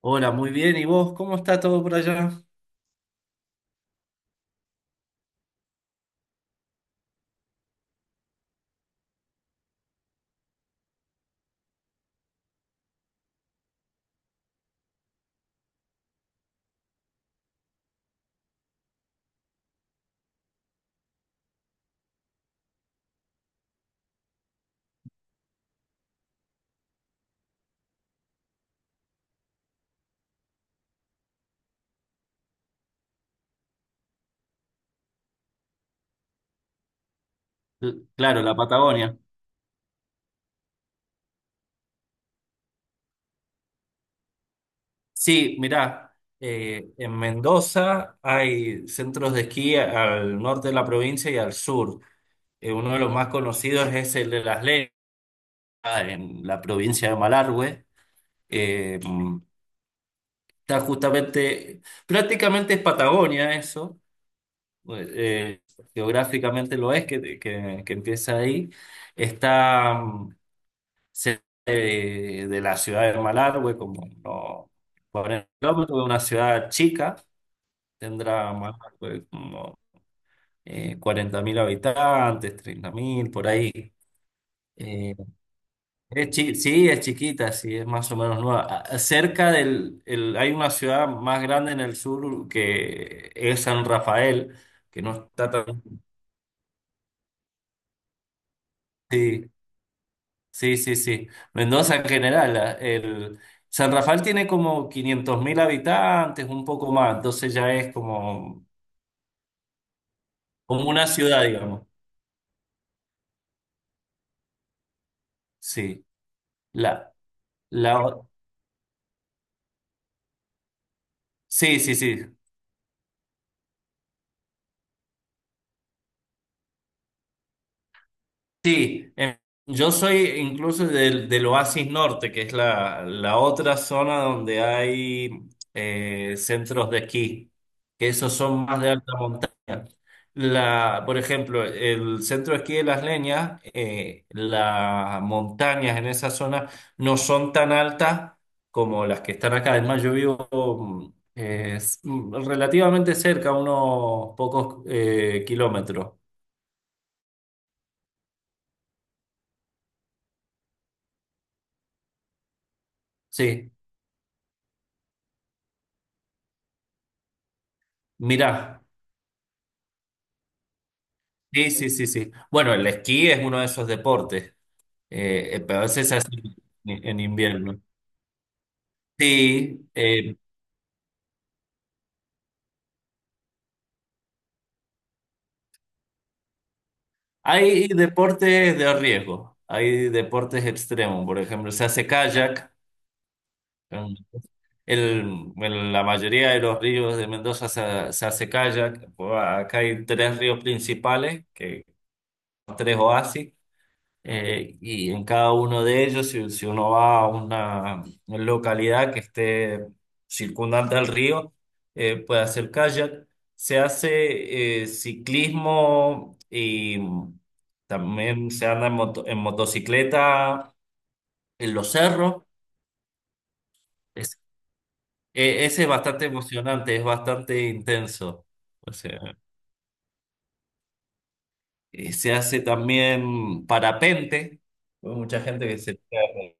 Hola, muy bien. ¿Y vos? ¿Cómo está todo por allá? Claro, la Patagonia. Sí, mirá, en Mendoza hay centros de esquí al norte de la provincia y al sur. Uno de los más conocidos es el de Las Leñas, en la provincia de Malargüe. Eh, mm, está justamente, prácticamente es Patagonia eso, geográficamente lo es, que empieza ahí. Está. mm, Cerca de la ciudad de Malargüe, como no 40 kilómetros, de una ciudad chica, tendrá Malargüe como 40.000 habitantes, 30.000 por ahí. Eh, sí, es chiquita, sí, es más o menos nueva. Cerca del, hay una ciudad más grande en el sur que es San Rafael, que no está tan... Sí. Sí, sí, sí. Mendoza en general, el San Rafael tiene como 500.000 habitantes, un poco más, entonces ya es como, como una ciudad, digamos. Sí. La, la, o- sí, sí, sí. Sí, yo soy incluso del Oasis Norte, que es la otra zona donde hay centros de esquí, que esos son más de alta montaña. Por ejemplo, el centro de esquí de Las Leñas, las montañas en esa zona no son tan altas como las que están acá. Además, yo vivo relativamente cerca, unos pocos kilómetros. Sí, mirá. Sí, sí, sí, sí. Bueno, el esquí es uno de esos deportes, pero a veces se hace en invierno. Sí, hay deportes de riesgo, hay deportes extremos, por ejemplo, se hace kayak, en, en la mayoría de los ríos de Mendoza se hace kayak. Bueno, acá hay tres ríos principales, que, tres oasis. Y en cada uno de ellos, si uno va a una localidad que esté circundante al río, puede hacer kayak. Se hace ciclismo y también se anda en motocicleta en los cerros. Es- Ese es bastante emocionante, es bastante intenso. O sea, se hace también parapente. Hay mucha gente que se...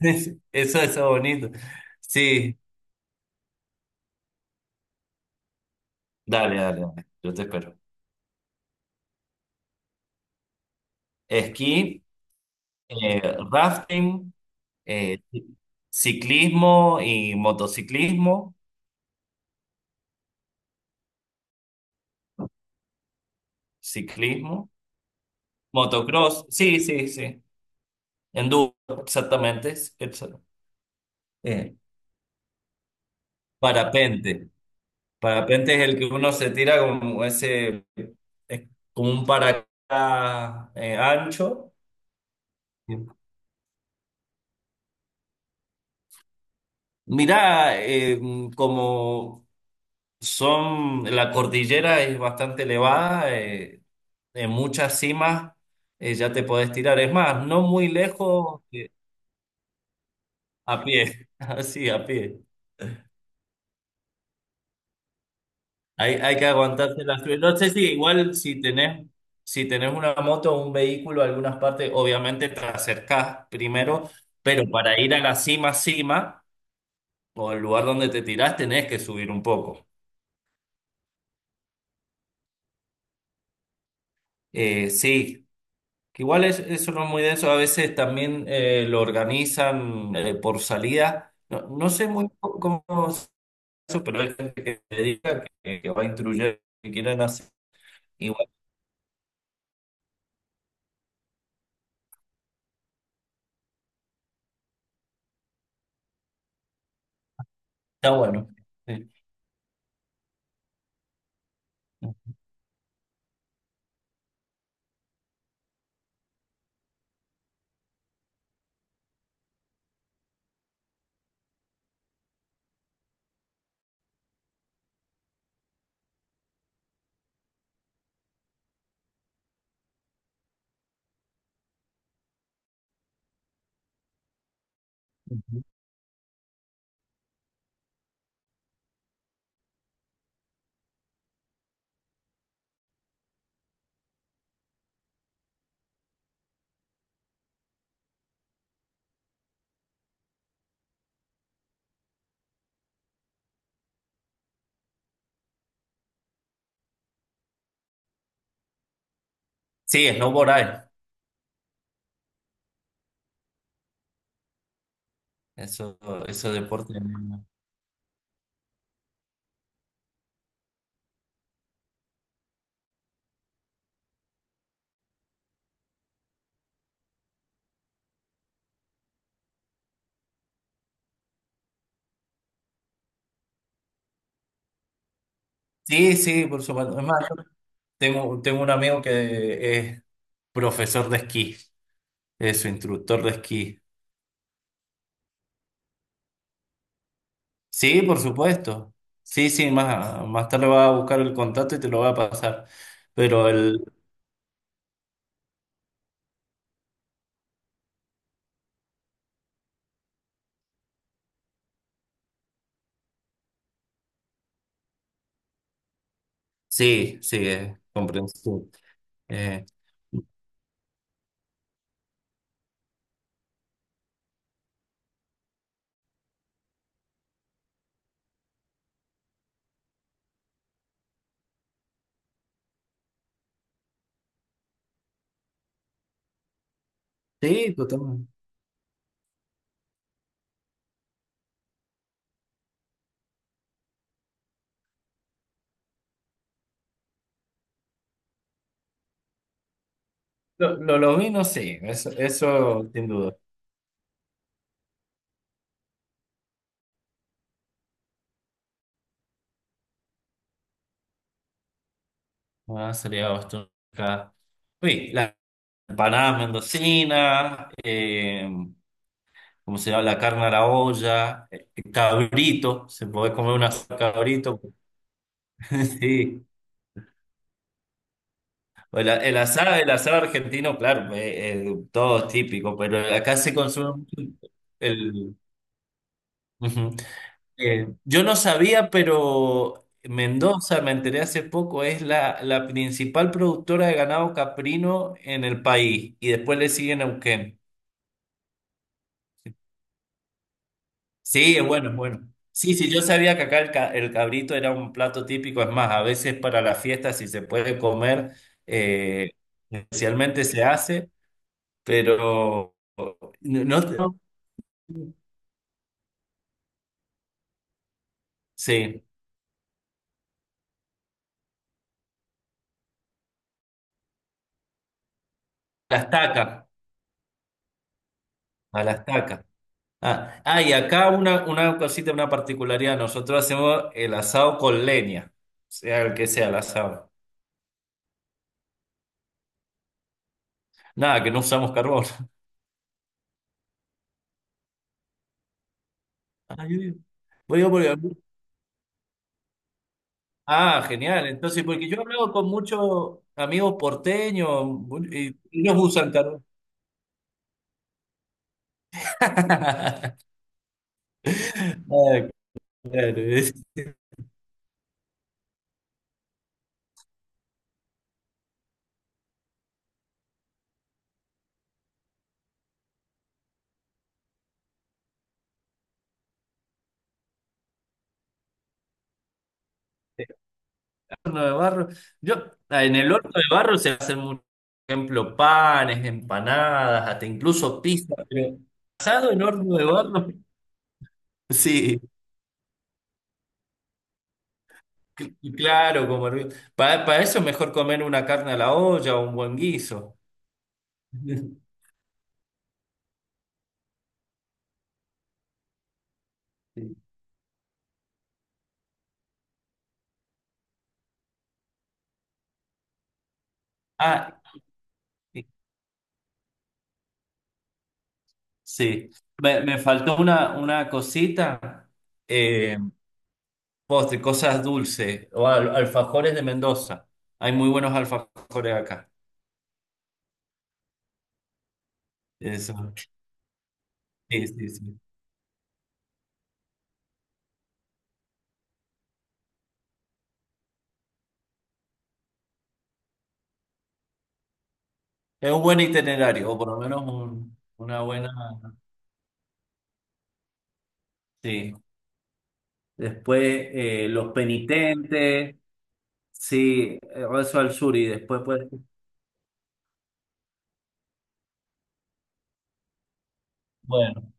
Eso es bonito. Sí. Dale, dale, dale. Yo te espero. Esquí, eh, rafting, eh, ciclismo y motociclismo, ciclismo, motocross, sí, sí, sí. Enduro, exactamente. Eh, Parapente. Parapente es el que uno se tira como ese, es como un paracaídas ancho. Mira, como Son, la cordillera es bastante elevada, en muchas cimas ya te podés tirar. Es más, no muy lejos, a pie, así, a pie. Hay que aguantarse la frío. No sé si igual si tenés, si tenés una moto o un vehículo, algunas partes, obviamente te acercás primero, pero para ir a la cima, cima, o el lugar donde te tirás, tenés que subir un poco. Sí. Que igual es, eso no es muy denso, a veces también lo organizan por salida. No, no sé muy cómo es eso, pero hay gente que se dedica, que va a instruir, que quieren hacer. Igual está bueno. Sí. Ujú. Sí, snowboard hay. Eso, eso deporte. Sí, sí, por supuesto. Es más, yo tengo un amigo que es profesor de esquí, es su instructor de esquí. Sí, por supuesto. Sí, sí, más tarde va a buscar el contacto y te lo va a pasar. Pero el... Sí, sí, es comprensible. Eh, sí, totalmente. Lo vi, no sé, eso sin duda. Ah, sería bastante acá. Uy, las empanadas mendocinas, ¿cómo se llama? La carne a la olla, cabrito, se puede comer una cabrito. Sí. O el, el asado argentino, claro, todo es típico, pero acá se consume mucho el... Ujú. Yo no sabía, pero Mendoza, me enteré hace poco, es la principal productora de ganado caprino en el país y después le sigue Neuquén. Sí, es bueno, es bueno. Sí, sí, yo sabía que acá el cabrito era un plato típico, es más, a veces para las fiestas si se puede comer, eh, especialmente se hace. Pero no, no- sí, a la estaca, a la estaca. Ah, ah, y acá una cosita, una particularidad, nosotros hacemos el asado con leña, sea el que sea el asado. Nada, que no usamos carbón. Ah, yo digo- yo digo porque- ah, genial. Entonces, porque yo he hablado con muchos amigos porteños y ellos usan carbón. Ah, claro. Horno de barro. Yo, ah, en el horno de barro se hacen, mucho, por ejemplo, panes, empanadas, hasta incluso pizza, pero asado en horno de barro. Sí, claro, como para eso es mejor comer una carne a la olla o un buen guiso. Sí. Ah, sí. Me faltó una cosita, eh, postre, cosas dulces, alfajores de Mendoza. Hay muy buenos alfajores acá. Eso. Sí, sí, sí. Es un buen itinerario, o por lo menos una buena. Sí. Después los penitentes, sí, eso al sur y después pues. Bueno.